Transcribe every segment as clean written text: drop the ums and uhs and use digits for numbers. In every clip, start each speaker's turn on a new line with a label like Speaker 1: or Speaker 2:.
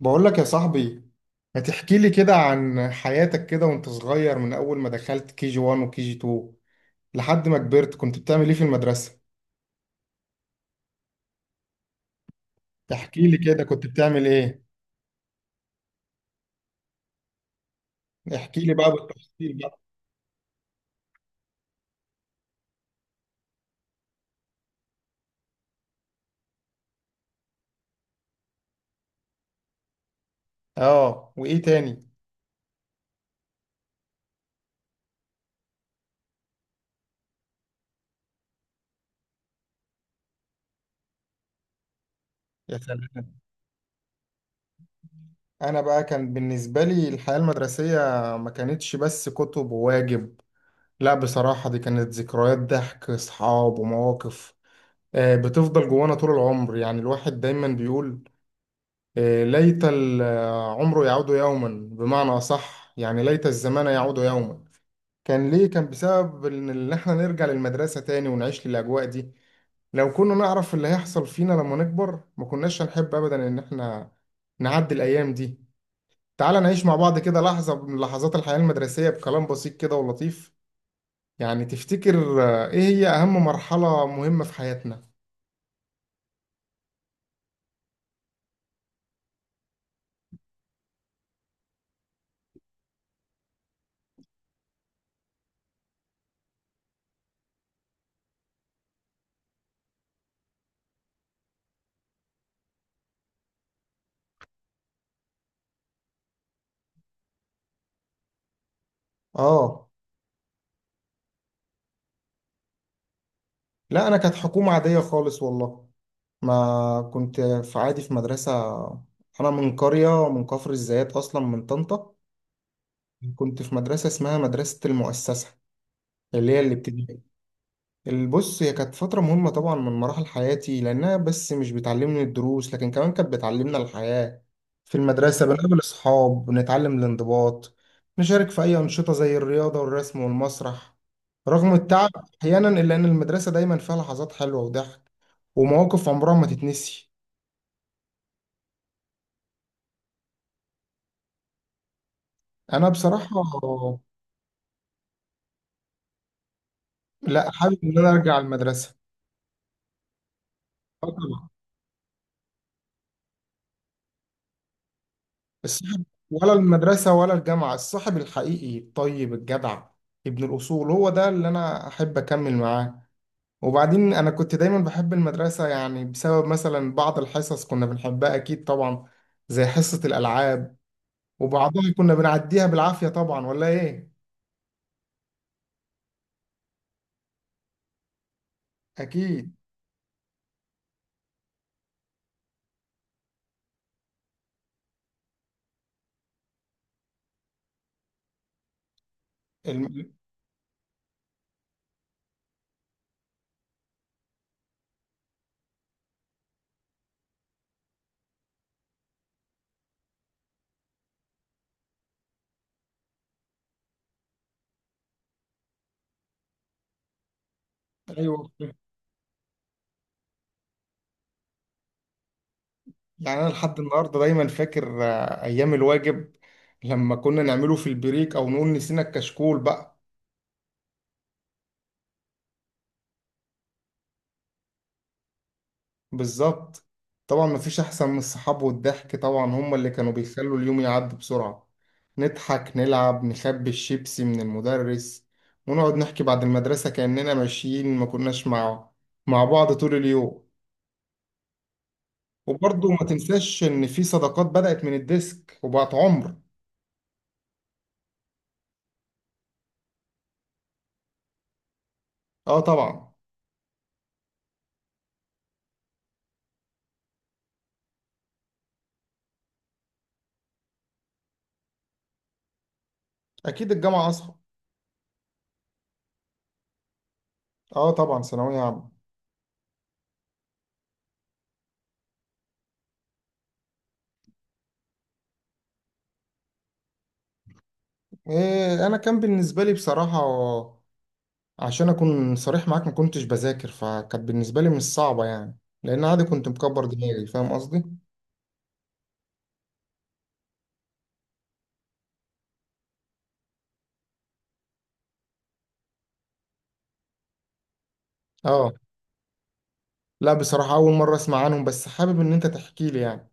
Speaker 1: بقول لك يا صاحبي، ما تحكي لي كده عن حياتك، كده وانت صغير، من اول ما دخلت كي جي 1 وكي جي 2 لحد ما كبرت. كنت بتعمل ايه في المدرسة؟ احكي لي كده، كنت بتعمل ايه؟ احكي لي بقى بالتفصيل بقى. اه، وايه تاني؟ يا سلام. انا بقى كان بالنسبة لي الحياة المدرسية ما كانتش بس كتب وواجب. لا، بصراحة دي كانت ذكريات، ضحك، اصحاب ومواقف بتفضل جوانا طول العمر. يعني الواحد دايما بيقول ليت العمر يعود يوما. بمعنى أصح يعني ليت الزمان يعود يوما. كان ليه؟ كان بسبب إن إحنا نرجع للمدرسة تاني ونعيش للأجواء دي. لو كنا نعرف اللي هيحصل فينا لما نكبر ما كناش هنحب أبدا إن إحنا نعدي الأيام دي. تعال نعيش مع بعض كده لحظة من لحظات الحياة المدرسية، بكلام بسيط كده ولطيف. يعني تفتكر، إيه هي أهم مرحلة مهمة في حياتنا؟ آه. لا، أنا كانت حكومة عادية خالص والله. ما كنت في عادي في مدرسة. أنا من قرية من كفر الزيات أصلا، من طنطا. كنت في مدرسة اسمها مدرسة المؤسسة، اللي هي الابتدائي. البص هي كانت فترة مهمة طبعا من مراحل حياتي، لأنها بس مش بتعلمني الدروس لكن كمان كانت بتعلمنا الحياة. في المدرسة بنقابل أصحاب، بنتعلم الانضباط، نشارك في أي أنشطة زي الرياضة والرسم والمسرح، رغم التعب أحيانا، إلا إن المدرسة دايما فيها لحظات حلوة وضحك ومواقف عمرها ما تتنسي. انا بصراحه، لا، حابب ان انا ارجع المدرسه. اه طبعا. الصاحب، ولا المدرسه ولا الجامعه، الصاحب الحقيقي الطيب الجدع ابن الاصول هو ده اللي انا احب اكمل معاه. وبعدين انا كنت دايما بحب المدرسه يعني، بسبب مثلا بعض الحصص كنا بنحبها اكيد طبعا، زي حصه الالعاب. وبعضها كنا بنعديها بالعافيه طبعا، ولا ايه؟ اكيد. الم... ايوه يعني، أنا لحد النهاردة دايما فاكر أيام الواجب، لما كنا نعمله في البريك أو نقول نسينا الكشكول بقى. بالظبط. طبعا مفيش أحسن من الصحاب والضحك طبعا، هما اللي كانوا بيخلوا اليوم يعدي بسرعة. نضحك، نلعب، نخبي الشيبسي من المدرس، ونقعد نحكي بعد المدرسة كأننا ماشيين ما كناش مع بعض طول اليوم. وبرضه ما تنساش إن في صداقات بدأت من الديسك وبقت عمر. آه طبعا. أكيد الجامعة أصعب. آه طبعا، ثانوية عامة. إيه، انا كان بالنسبه لي بصراحه، عشان اكون صريح معاك، ما كنتش بذاكر، فكانت بالنسبه لي مش صعبه يعني، لان عادي كنت مكبر دماغي، فاهم قصدي؟ اه. لا بصراحه اول مره اسمع عنهم، بس حابب ان انت تحكي لي يعني.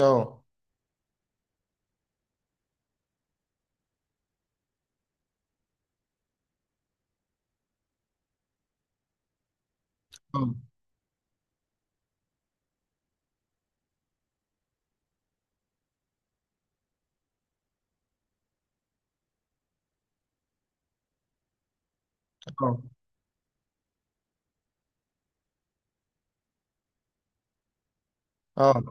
Speaker 1: اه، اه، اه، آه.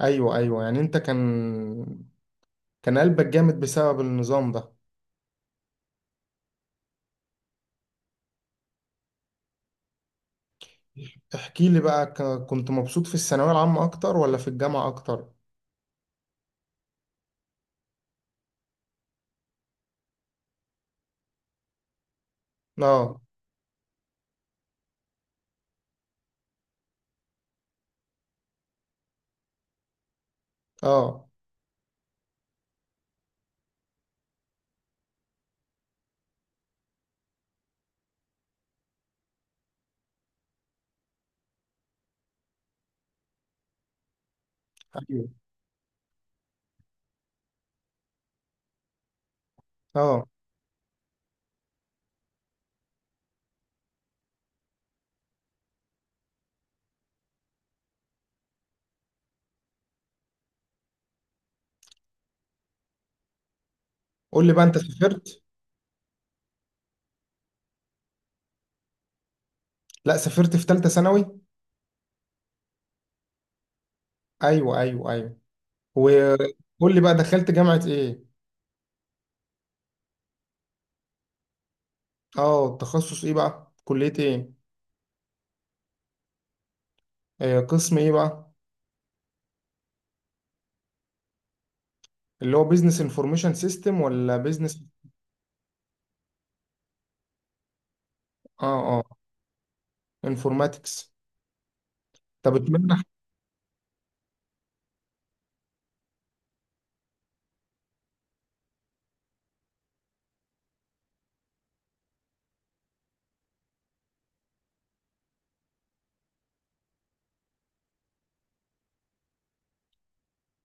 Speaker 1: ايوه ايوه، يعني انت كان قلبك جامد بسبب النظام ده. احكي لي بقى، كنت مبسوط في الثانويه العامه اكتر ولا في الجامعه اكتر؟ اه اه ايوه اه. قول لي بقى، انت سافرت؟ لا سافرت في ثالثه ثانوي. ايوه ايوه ايوه. وقول لي بقى، دخلت جامعة ايه؟ اه، تخصص ايه بقى، كلية ايه؟ آه، قسم ايه بقى؟ اللي هو بيزنس انفورميشن سيستم ولا بيزنس؟ اه اه، انفورماتكس. طب اتمنى.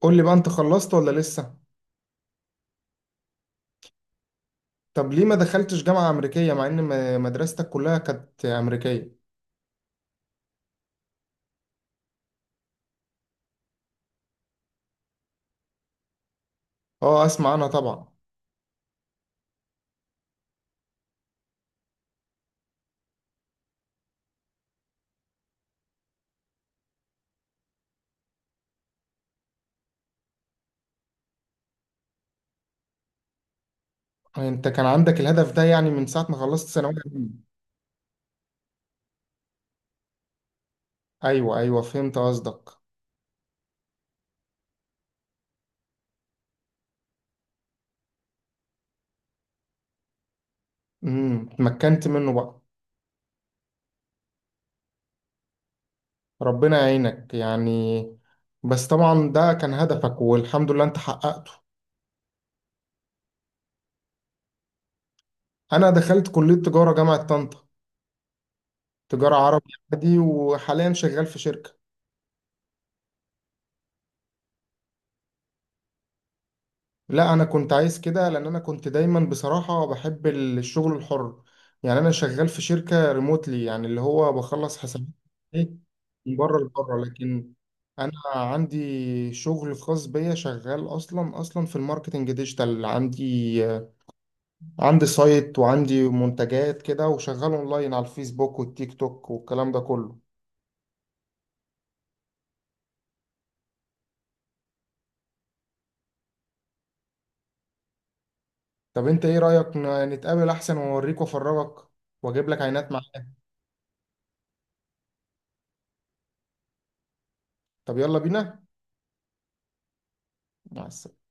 Speaker 1: قول لي بقى، انت خلصت ولا لسه؟ طب ليه ما دخلتش جامعة امريكية مع ان مدرستك كلها كانت امريكية؟ اه اسمع عنها طبعا. انت كان عندك الهدف ده يعني من ساعة ما خلصت ثانوية عامة؟ ايوه ايوه فهمت قصدك. اتمكنت منه بقى؟ ربنا يعينك يعني. بس طبعا ده كان هدفك، والحمد لله انت حققته. انا دخلت كلية تجارة جامعة طنطا، تجارة عربي عادي، وحاليا شغال في شركة. لا انا كنت عايز كده، لان انا كنت دايما بصراحة بحب الشغل الحر. يعني انا شغال في شركة ريموتلي، يعني اللي هو بخلص حسابات. ايه. من بره لبره، لكن انا عندي شغل خاص بيا، شغال اصلا اصلا في الماركتنج ديجيتال. عندي سايت وعندي منتجات كده، وشغال اونلاين على الفيسبوك والتيك توك والكلام ده كله. طب انت ايه رأيك، نتقابل احسن، واوريك وافرجك واجيب لك عينات معايا. طب يلا بينا. مع السلامة.